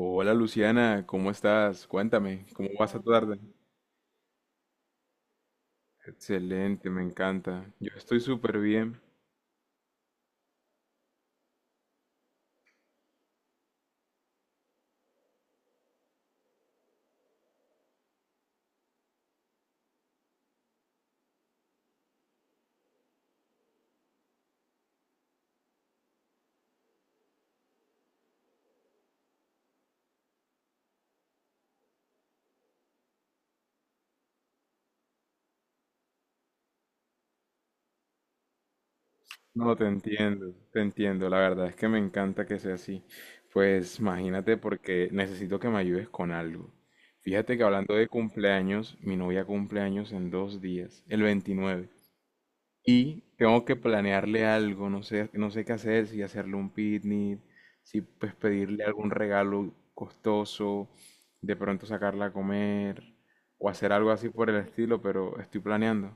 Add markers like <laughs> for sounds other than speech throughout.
Hola Luciana, ¿cómo estás? Cuéntame, ¿cómo vas a tu tarde? Excelente, me encanta. Yo estoy súper bien. No, te entiendo, te entiendo. La verdad es que me encanta que sea así. Pues imagínate porque necesito que me ayudes con algo. Fíjate que hablando de cumpleaños, mi novia cumpleaños en 2 días, el 29. Y tengo que planearle algo, no sé, no sé qué hacer, si hacerle un picnic, si pues pedirle algún regalo costoso, de pronto sacarla a comer o hacer algo así por el estilo, pero estoy planeando.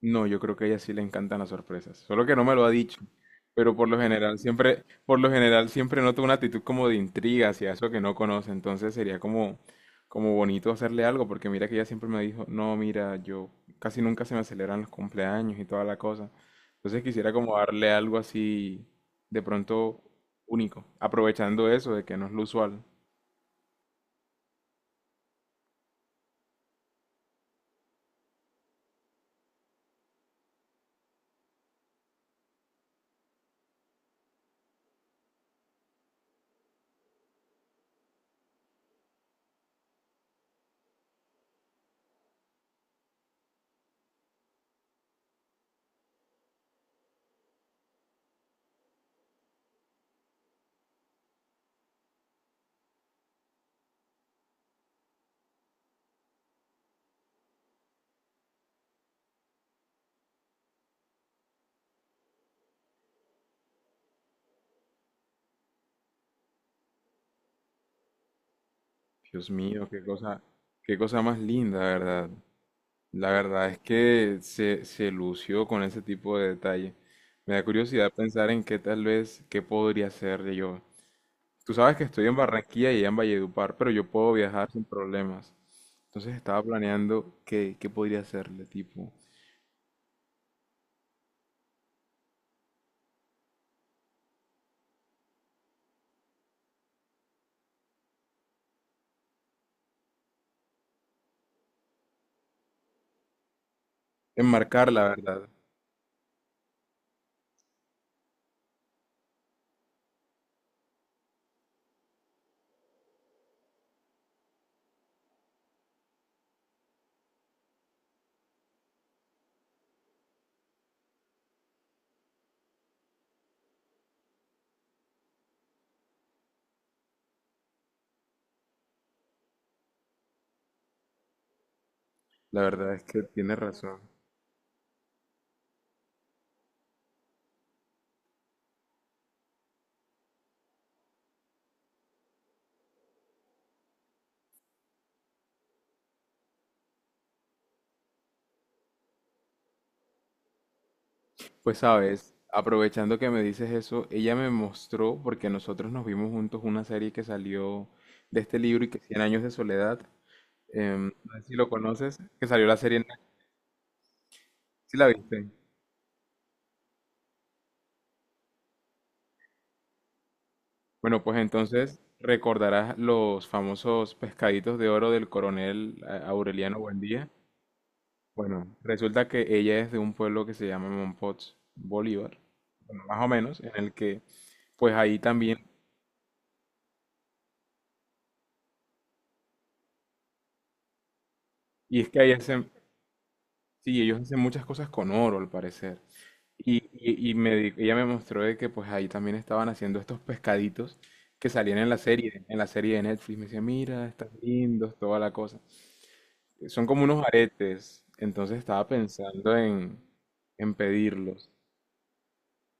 No, yo creo que a ella sí le encantan las sorpresas, solo que no me lo ha dicho. Pero por lo general siempre, por lo general siempre noto una actitud como de intriga hacia eso que no conoce, entonces sería como, como bonito hacerle algo, porque mira que ella siempre me dijo, no, mira, yo casi nunca se me celebran los cumpleaños y toda la cosa. Entonces quisiera como darle algo así de pronto único, aprovechando eso de que no es lo usual. Dios mío, qué cosa más linda, ¿verdad? La verdad es que se lució con ese tipo de detalle. Me da curiosidad pensar en qué tal vez, qué podría ser de yo. Tú sabes que estoy en Barranquilla y ella en Valledupar, pero yo puedo viajar sin problemas. Entonces estaba planeando qué podría hacerle, tipo, enmarcar la verdad. La verdad es que tienes razón. Pues sabes, aprovechando que me dices eso, ella me mostró, porque nosotros nos vimos juntos una serie que salió de este libro y que Cien años de soledad. No sé si lo conoces, que salió la serie en Netflix, ¿sí la viste? Bueno, pues entonces recordarás los famosos pescaditos de oro del coronel Aureliano Buendía. Bueno, resulta que ella es de un pueblo que se llama Mompox Bolívar, bueno, más o menos, en el que, pues ahí también, y es que ahí hacen, sí, ellos hacen muchas cosas con oro, al parecer. Ella me mostró de que pues ahí también estaban haciendo estos pescaditos que salían en la serie de Netflix. Me decía, mira, están lindos, toda la cosa. Son como unos aretes. Entonces estaba pensando en pedirlos.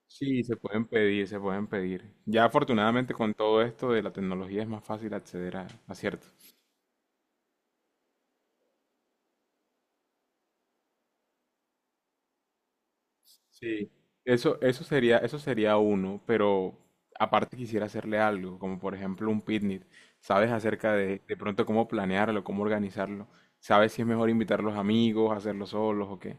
Sí, se pueden pedir, se pueden pedir. Ya afortunadamente con todo esto de la tecnología es más fácil acceder a cierto. Sí, eso, eso sería uno, pero aparte quisiera hacerle algo, como por ejemplo un picnic. ¿Sabes acerca de pronto cómo planearlo, cómo organizarlo? ¿Sabes si es mejor invitar a los amigos, hacerlo solos o qué?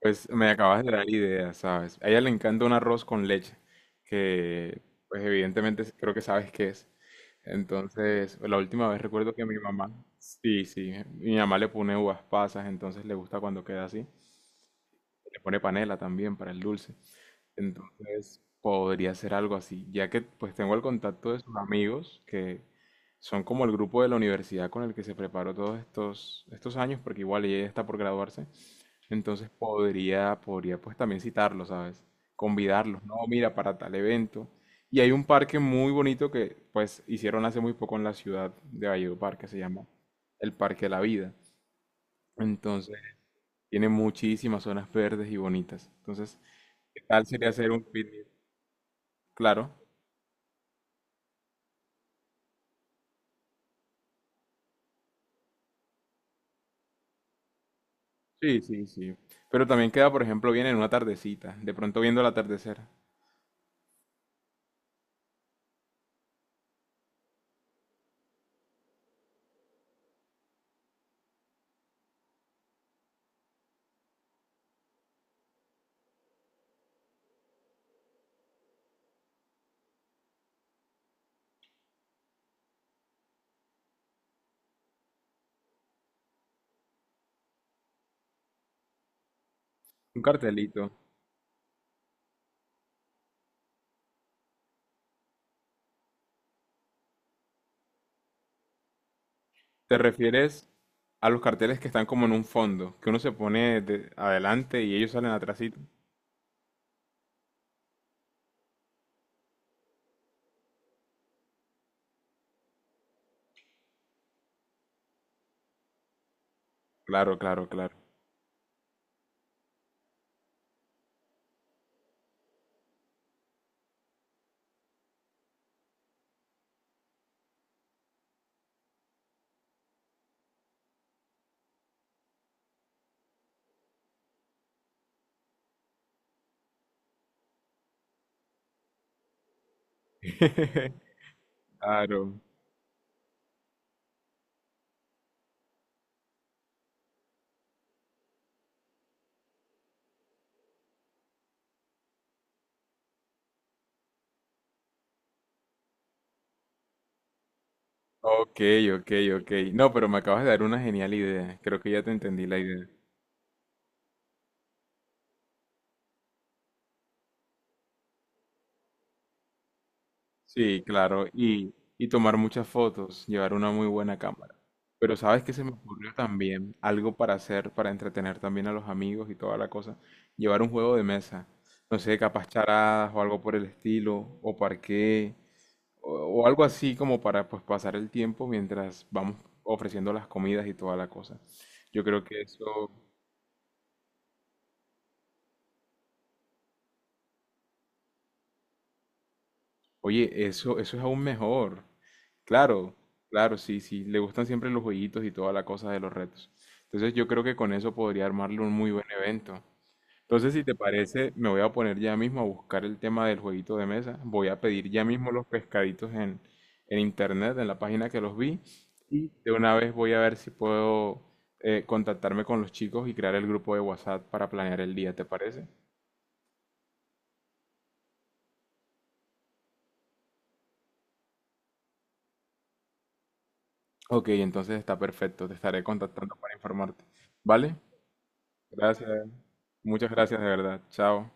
Pues me acabas de dar ideas, ¿sabes? A ella le encanta un arroz con leche, que pues evidentemente creo que sabes qué es. Entonces, la última vez recuerdo que mi mamá, sí, sí, mi mamá le pone uvas pasas, entonces le gusta cuando queda así. Le pone panela también para el dulce. Entonces podría ser algo así, ya que pues tengo el contacto de sus amigos, que son como el grupo de la universidad con el que se preparó todos estos años, porque igual ella está por graduarse. Entonces podría pues también citarlos, ¿sabes? Convidarlos, no, mira, para tal evento. Y hay un parque muy bonito que pues hicieron hace muy poco en la ciudad de Valledupar, que se llama el Parque de la Vida. Entonces tiene muchísimas zonas verdes y bonitas. Entonces, ¿qué tal sería hacer un picnic? Claro, sí, sí, sí. Pero también queda, por ejemplo, bien en una tardecita, de pronto viendo el atardecer. Un cartelito. ¿Te refieres a los carteles que están como en un fondo, que uno se pone adelante y ellos salen atrásito? Claro, claro, claro. <laughs> Claro. Ok, ok, ok. No, pero me acabas de dar una genial idea. Creo que ya te entendí la idea. Sí, claro, y tomar muchas fotos, llevar una muy buena cámara. Pero sabes que se me ocurrió también algo para hacer, para entretener también a los amigos y toda la cosa, llevar un juego de mesa, no sé, capaz charadas o algo por el estilo, o parqué, o algo así como para pues pasar el tiempo mientras vamos ofreciendo las comidas y toda la cosa. Yo creo que eso. Oye, eso es aún mejor. Claro, claro, sí, sí. Le gustan siempre los jueguitos y toda la cosa de los retos. Entonces yo creo que con eso podría armarle un muy buen evento. Entonces, si te parece, me voy a poner ya mismo a buscar el tema del jueguito de mesa. Voy a pedir ya mismo los pescaditos en internet, en la página que los vi. Y de una vez voy a ver si puedo contactarme con los chicos y crear el grupo de WhatsApp para planear el día, ¿te parece? Ok, entonces está perfecto. Te estaré contactando para informarte. ¿Vale? Gracias. Muchas gracias de verdad. Chao.